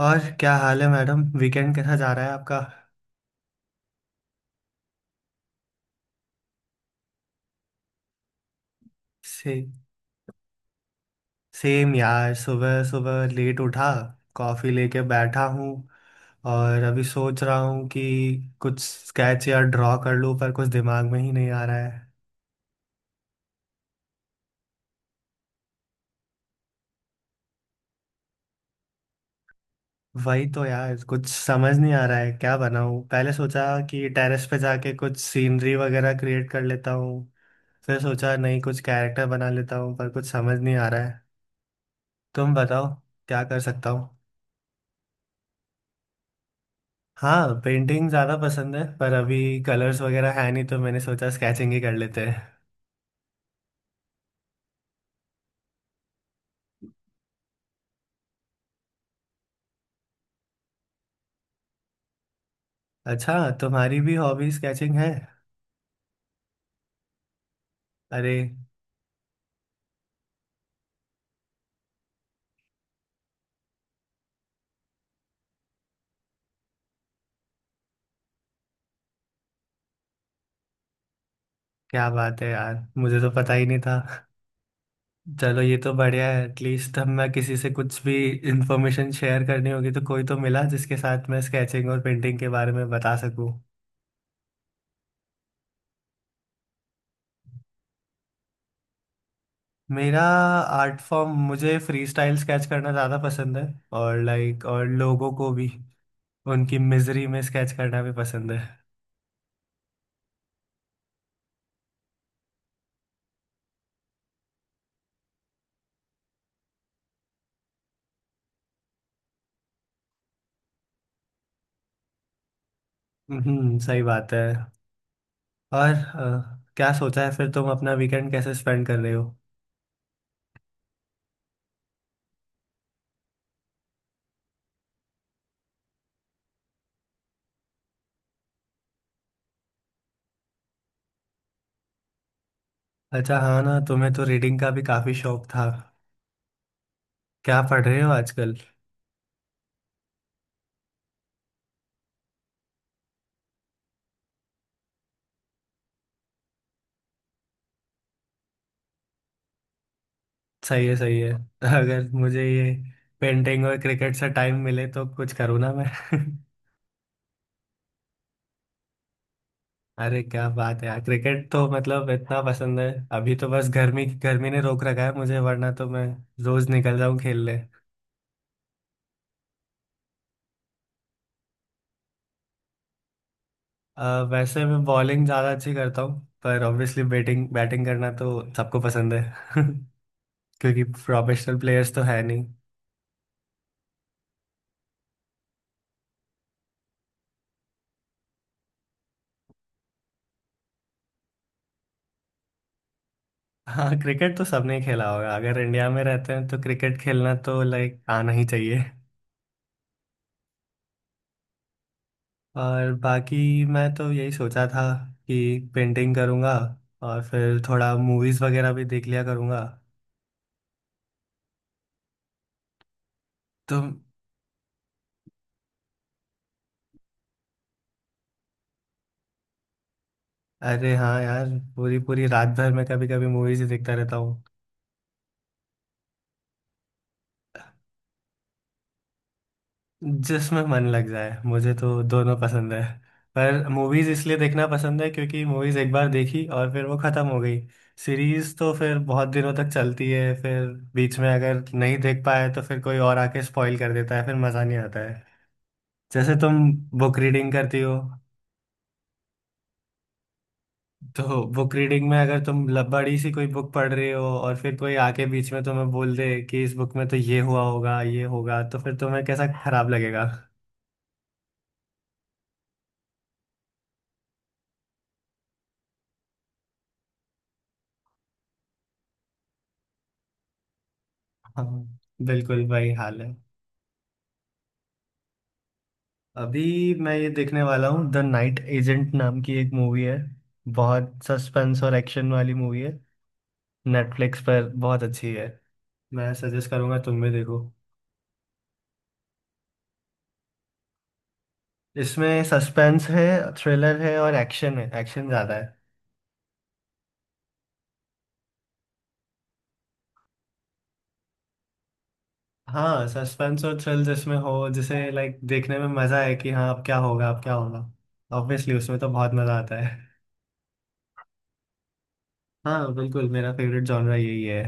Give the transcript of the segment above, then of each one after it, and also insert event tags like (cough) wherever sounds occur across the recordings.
और क्या हाल है मैडम। वीकेंड कैसा जा रहा है आपका? से सेम यार, सुबह सुबह लेट उठा, कॉफ़ी लेके बैठा हूँ और अभी सोच रहा हूँ कि कुछ स्केच या ड्रॉ कर लूँ, पर कुछ दिमाग में ही नहीं आ रहा है। वही तो यार, कुछ समझ नहीं आ रहा है क्या बनाऊँ। पहले सोचा कि टेरेस पे जाके कुछ सीनरी वगैरह क्रिएट कर लेता हूँ, फिर सोचा नहीं कुछ कैरेक्टर बना लेता हूँ, पर कुछ समझ नहीं आ रहा है। तुम बताओ क्या कर सकता हूँ। हाँ, पेंटिंग ज़्यादा पसंद है, पर अभी कलर्स वगैरह है नहीं, तो मैंने सोचा स्केचिंग ही कर लेते हैं। अच्छा, तुम्हारी भी हॉबी स्केचिंग है? अरे क्या बात है यार, मुझे तो पता ही नहीं था। चलो ये तो बढ़िया है, एटलीस्ट हम मैं किसी से कुछ भी इंफॉर्मेशन शेयर करनी होगी तो कोई तो मिला जिसके साथ मैं स्केचिंग और पेंटिंग के बारे में बता सकूँ। मेरा आर्ट फॉर्म, मुझे फ्री स्टाइल स्केच करना ज़्यादा पसंद है, और लाइक और लोगों को भी, उनकी मिजरी में स्केच करना भी पसंद है। हम्म, सही बात है। और क्या सोचा है फिर तुम अपना वीकेंड कैसे स्पेंड कर रहे हो? अच्छा, हाँ ना, तुम्हें तो रीडिंग का भी काफी शौक था। क्या पढ़ रहे हो आजकल? सही है सही है। (laughs) अगर मुझे ये पेंटिंग और क्रिकेट से टाइम मिले तो कुछ करूँ ना मैं। (laughs) अरे क्या बात है यार, क्रिकेट तो मतलब इतना पसंद है। अभी तो बस गर्मी गर्मी ने रोक रखा है मुझे, वरना तो मैं रोज निकल जाऊँ खेलने। वैसे मैं बॉलिंग ज्यादा अच्छी करता हूँ, पर ऑब्वियसली बैटिंग बैटिंग करना तो सबको पसंद है। (laughs) क्योंकि प्रोफेशनल प्लेयर्स तो है नहीं। हाँ, क्रिकेट तो सबने खेला होगा, अगर इंडिया में रहते हैं तो क्रिकेट खेलना तो लाइक आना ही चाहिए। और बाकी मैं तो यही सोचा था कि पेंटिंग करूँगा और फिर थोड़ा मूवीज़ वगैरह भी देख लिया करूँगा तो। अरे हाँ यार, पूरी पूरी रात भर मैं कभी कभी मूवीज़ ही देखता रहता हूँ। जिसमें मन लग जाए, मुझे तो दोनों पसंद है, पर मूवीज इसलिए देखना पसंद है क्योंकि मूवीज एक बार देखी और फिर वो खत्म हो गई। सीरीज तो फिर बहुत दिनों तक चलती है, फिर बीच में अगर नहीं देख पाए तो फिर कोई और आके स्पॉइल कर देता है, फिर मजा नहीं आता है। जैसे तुम बुक रीडिंग करती हो, तो बुक रीडिंग में अगर तुम बड़ी सी कोई बुक पढ़ रहे हो और फिर कोई आके बीच में तुम्हें बोल दे कि इस बुक में तो ये हुआ होगा ये होगा, तो फिर तुम्हें कैसा खराब लगेगा। हाँ, बिल्कुल वही हाल है। अभी मैं ये देखने वाला हूँ, द नाइट एजेंट नाम की एक मूवी है, बहुत सस्पेंस और एक्शन वाली मूवी है, नेटफ्लिक्स पर बहुत अच्छी है। मैं सजेस्ट करूँगा, तुम भी देखो। इसमें सस्पेंस है, थ्रिलर है और एक्शन है, एक्शन ज़्यादा है। हाँ, सस्पेंस और थ्रिल जिसमें हो, जिसे लाइक देखने में मज़ा है कि हाँ अब क्या होगा अब क्या होगा, ऑब्वियसली उसमें तो बहुत मज़ा आता है। हाँ बिल्कुल, मेरा फेवरेट जॉनरा यही है।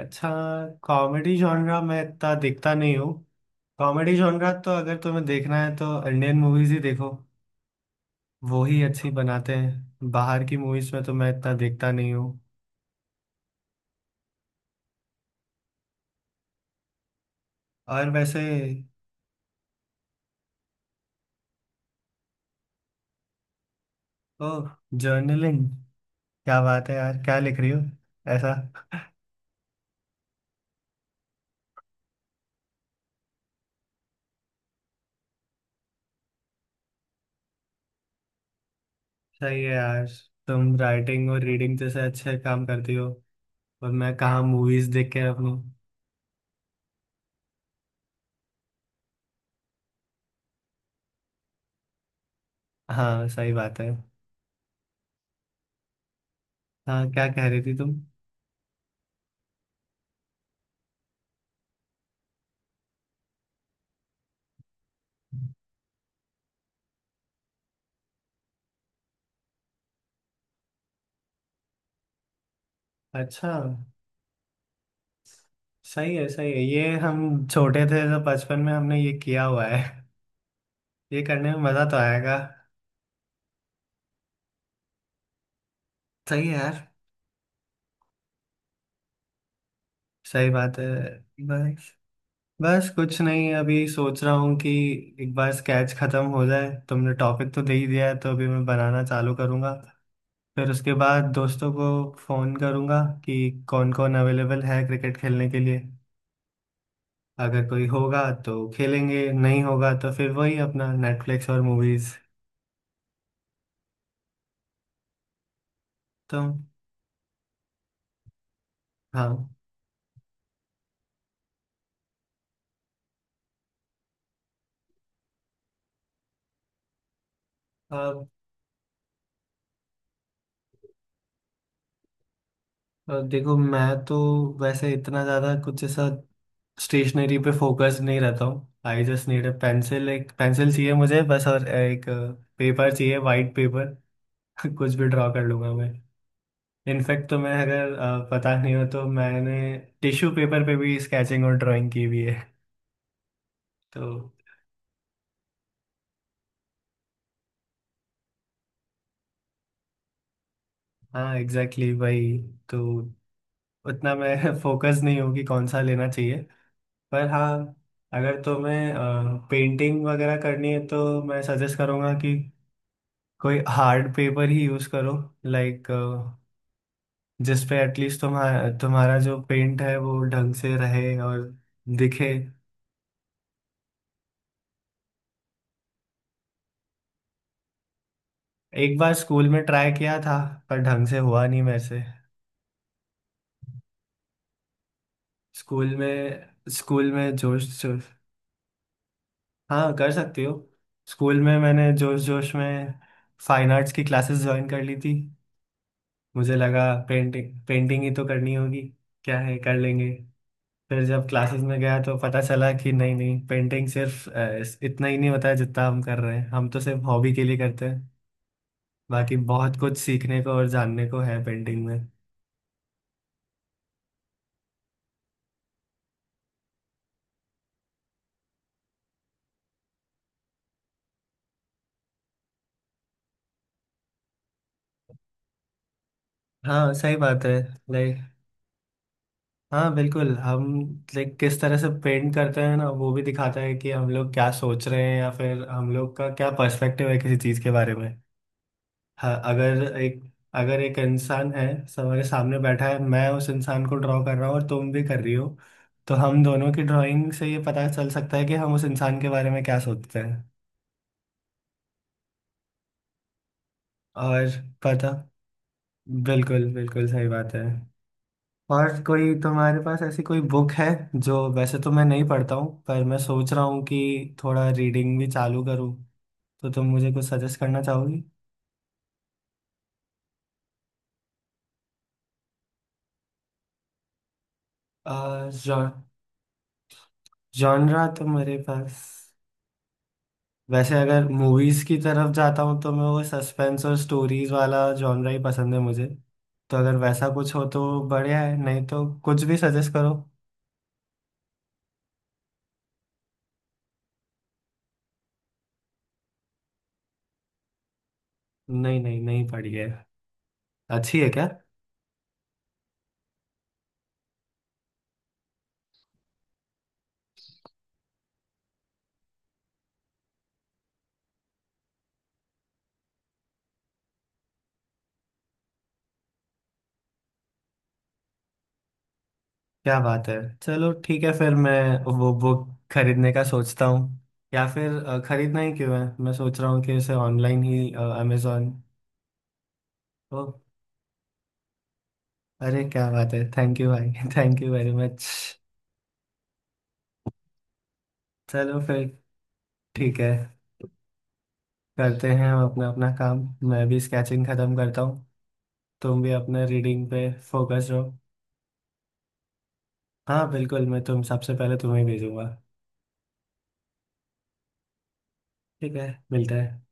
अच्छा, कॉमेडी जॉनरा मैं इतना देखता नहीं हूँ। कॉमेडी जॉनरा तो अगर तुम्हें देखना है तो इंडियन मूवीज ही देखो, वो ही अच्छी बनाते हैं, बाहर की मूवीज में तो मैं इतना देखता नहीं हूँ। और वैसे, ओ जर्नलिंग, क्या बात है यार, क्या लिख रही हो ऐसा? सही है यार, तुम राइटिंग और रीडिंग जैसे अच्छे काम करती हो, और मैं कहाँ मूवीज देख के अपनी। हाँ, सही बात है। हाँ, क्या कह रही थी तुम? अच्छा, सही है सही है, ये हम छोटे थे तो बचपन में हमने ये किया हुआ है, ये करने में मजा तो आएगा। सही है यार, सही बात है। बस, बस कुछ नहीं, अभी सोच रहा हूँ कि एक बार स्केच खत्म हो जाए, तुमने टॉपिक तो दे ही दिया है तो अभी मैं बनाना चालू करूँगा, फिर उसके बाद दोस्तों को फ़ोन करूँगा कि कौन कौन अवेलेबल है क्रिकेट खेलने के लिए, अगर कोई होगा तो खेलेंगे, नहीं होगा तो फिर वही अपना नेटफ्लिक्स और मूवीज़ तो। हाँ, देखो, मैं तो वैसे इतना ज़्यादा कुछ ऐसा स्टेशनरी पे फोकस नहीं रहता हूँ। I just need a pencil, एक पेंसिल चाहिए मुझे बस, और एक पेपर चाहिए, वाइट पेपर। (laughs) कुछ भी ड्रॉ कर लूँगा मैं। इनफैक्ट तो मैं, अगर पता नहीं हो तो, मैंने टिश्यू पेपर पे भी स्केचिंग और ड्राइंग की हुई है। (laughs) तो हाँ एग्जैक्टली, वही तो। उतना मैं (laughs) फोकस नहीं हूँ कि कौन सा लेना चाहिए, पर हाँ, अगर तुम्हें पेंटिंग वगैरह करनी है तो मैं सजेस्ट करूँगा कि कोई हार्ड पेपर ही यूज करो, लाइक जिस पे एटलीस्ट तुम्हारा तुम्हारा जो पेंट है वो ढंग से रहे और दिखे। एक बार स्कूल में ट्राई किया था, पर ढंग से हुआ नहीं मेरे से। स्कूल में, स्कूल में जोश जोश हाँ, कर सकती हो। स्कूल में मैंने जोश जोश में फाइन आर्ट्स की क्लासेस ज्वाइन कर ली थी। मुझे लगा पेंटिंग पेंटिंग ही तो करनी होगी, क्या है कर लेंगे। फिर जब क्लासेस में गया तो पता चला कि नहीं नहीं, पेंटिंग सिर्फ इतना ही नहीं होता है जितना हम कर रहे हैं, हम तो सिर्फ हॉबी के लिए करते हैं, बाकी बहुत कुछ सीखने को और जानने को है पेंटिंग में। हाँ सही बात है। लाइक हाँ बिल्कुल, हम लाइक किस तरह से पेंट करते हैं ना, वो भी दिखाता है कि हम लोग क्या सोच रहे हैं या फिर हम लोग का क्या पर्सपेक्टिव है किसी चीज़ के बारे में। हाँ, अगर एक अगर एक इंसान है हमारे सामने बैठा है, मैं उस इंसान को ड्रॉ कर रहा हूँ और तुम भी कर रही हो, तो हम दोनों की ड्राइंग से ये पता चल सकता है कि हम उस इंसान के बारे में क्या सोचते हैं। और पता बिल्कुल बिल्कुल सही बात है। और कोई तुम्हारे पास ऐसी कोई बुक है जो, वैसे तो मैं नहीं पढ़ता हूँ, पर मैं सोच रहा हूँ कि थोड़ा रीडिंग भी चालू करूँ, तो तुम मुझे कुछ सजेस्ट करना चाहोगी? जॉनरा तो मेरे पास, वैसे अगर मूवीज की तरफ जाता हूँ तो मैं वो सस्पेंस और स्टोरीज वाला जॉनरा ही पसंद है मुझे, तो अगर वैसा कुछ हो तो बढ़िया है, नहीं तो कुछ भी सजेस्ट करो। नहीं नहीं नहीं पढ़ी है। अच्छी है क्या? क्या बात है, चलो ठीक है फिर मैं वो बुक खरीदने का सोचता हूँ, या फिर खरीदना ही क्यों है, मैं सोच रहा हूँ कि इसे ऑनलाइन ही अमेजोन। ओ, अरे क्या बात है, थैंक यू भाई। (laughs) Thank you very much. चलो फिर, ठीक है, करते हैं हम अपना अपना काम, मैं भी स्केचिंग खत्म करता हूँ, तुम भी अपने रीडिंग पे फोकस रहो। हाँ बिल्कुल, मैं तुम सबसे पहले तुम्हें भेजूंगा। ठीक है, मिलते हैं।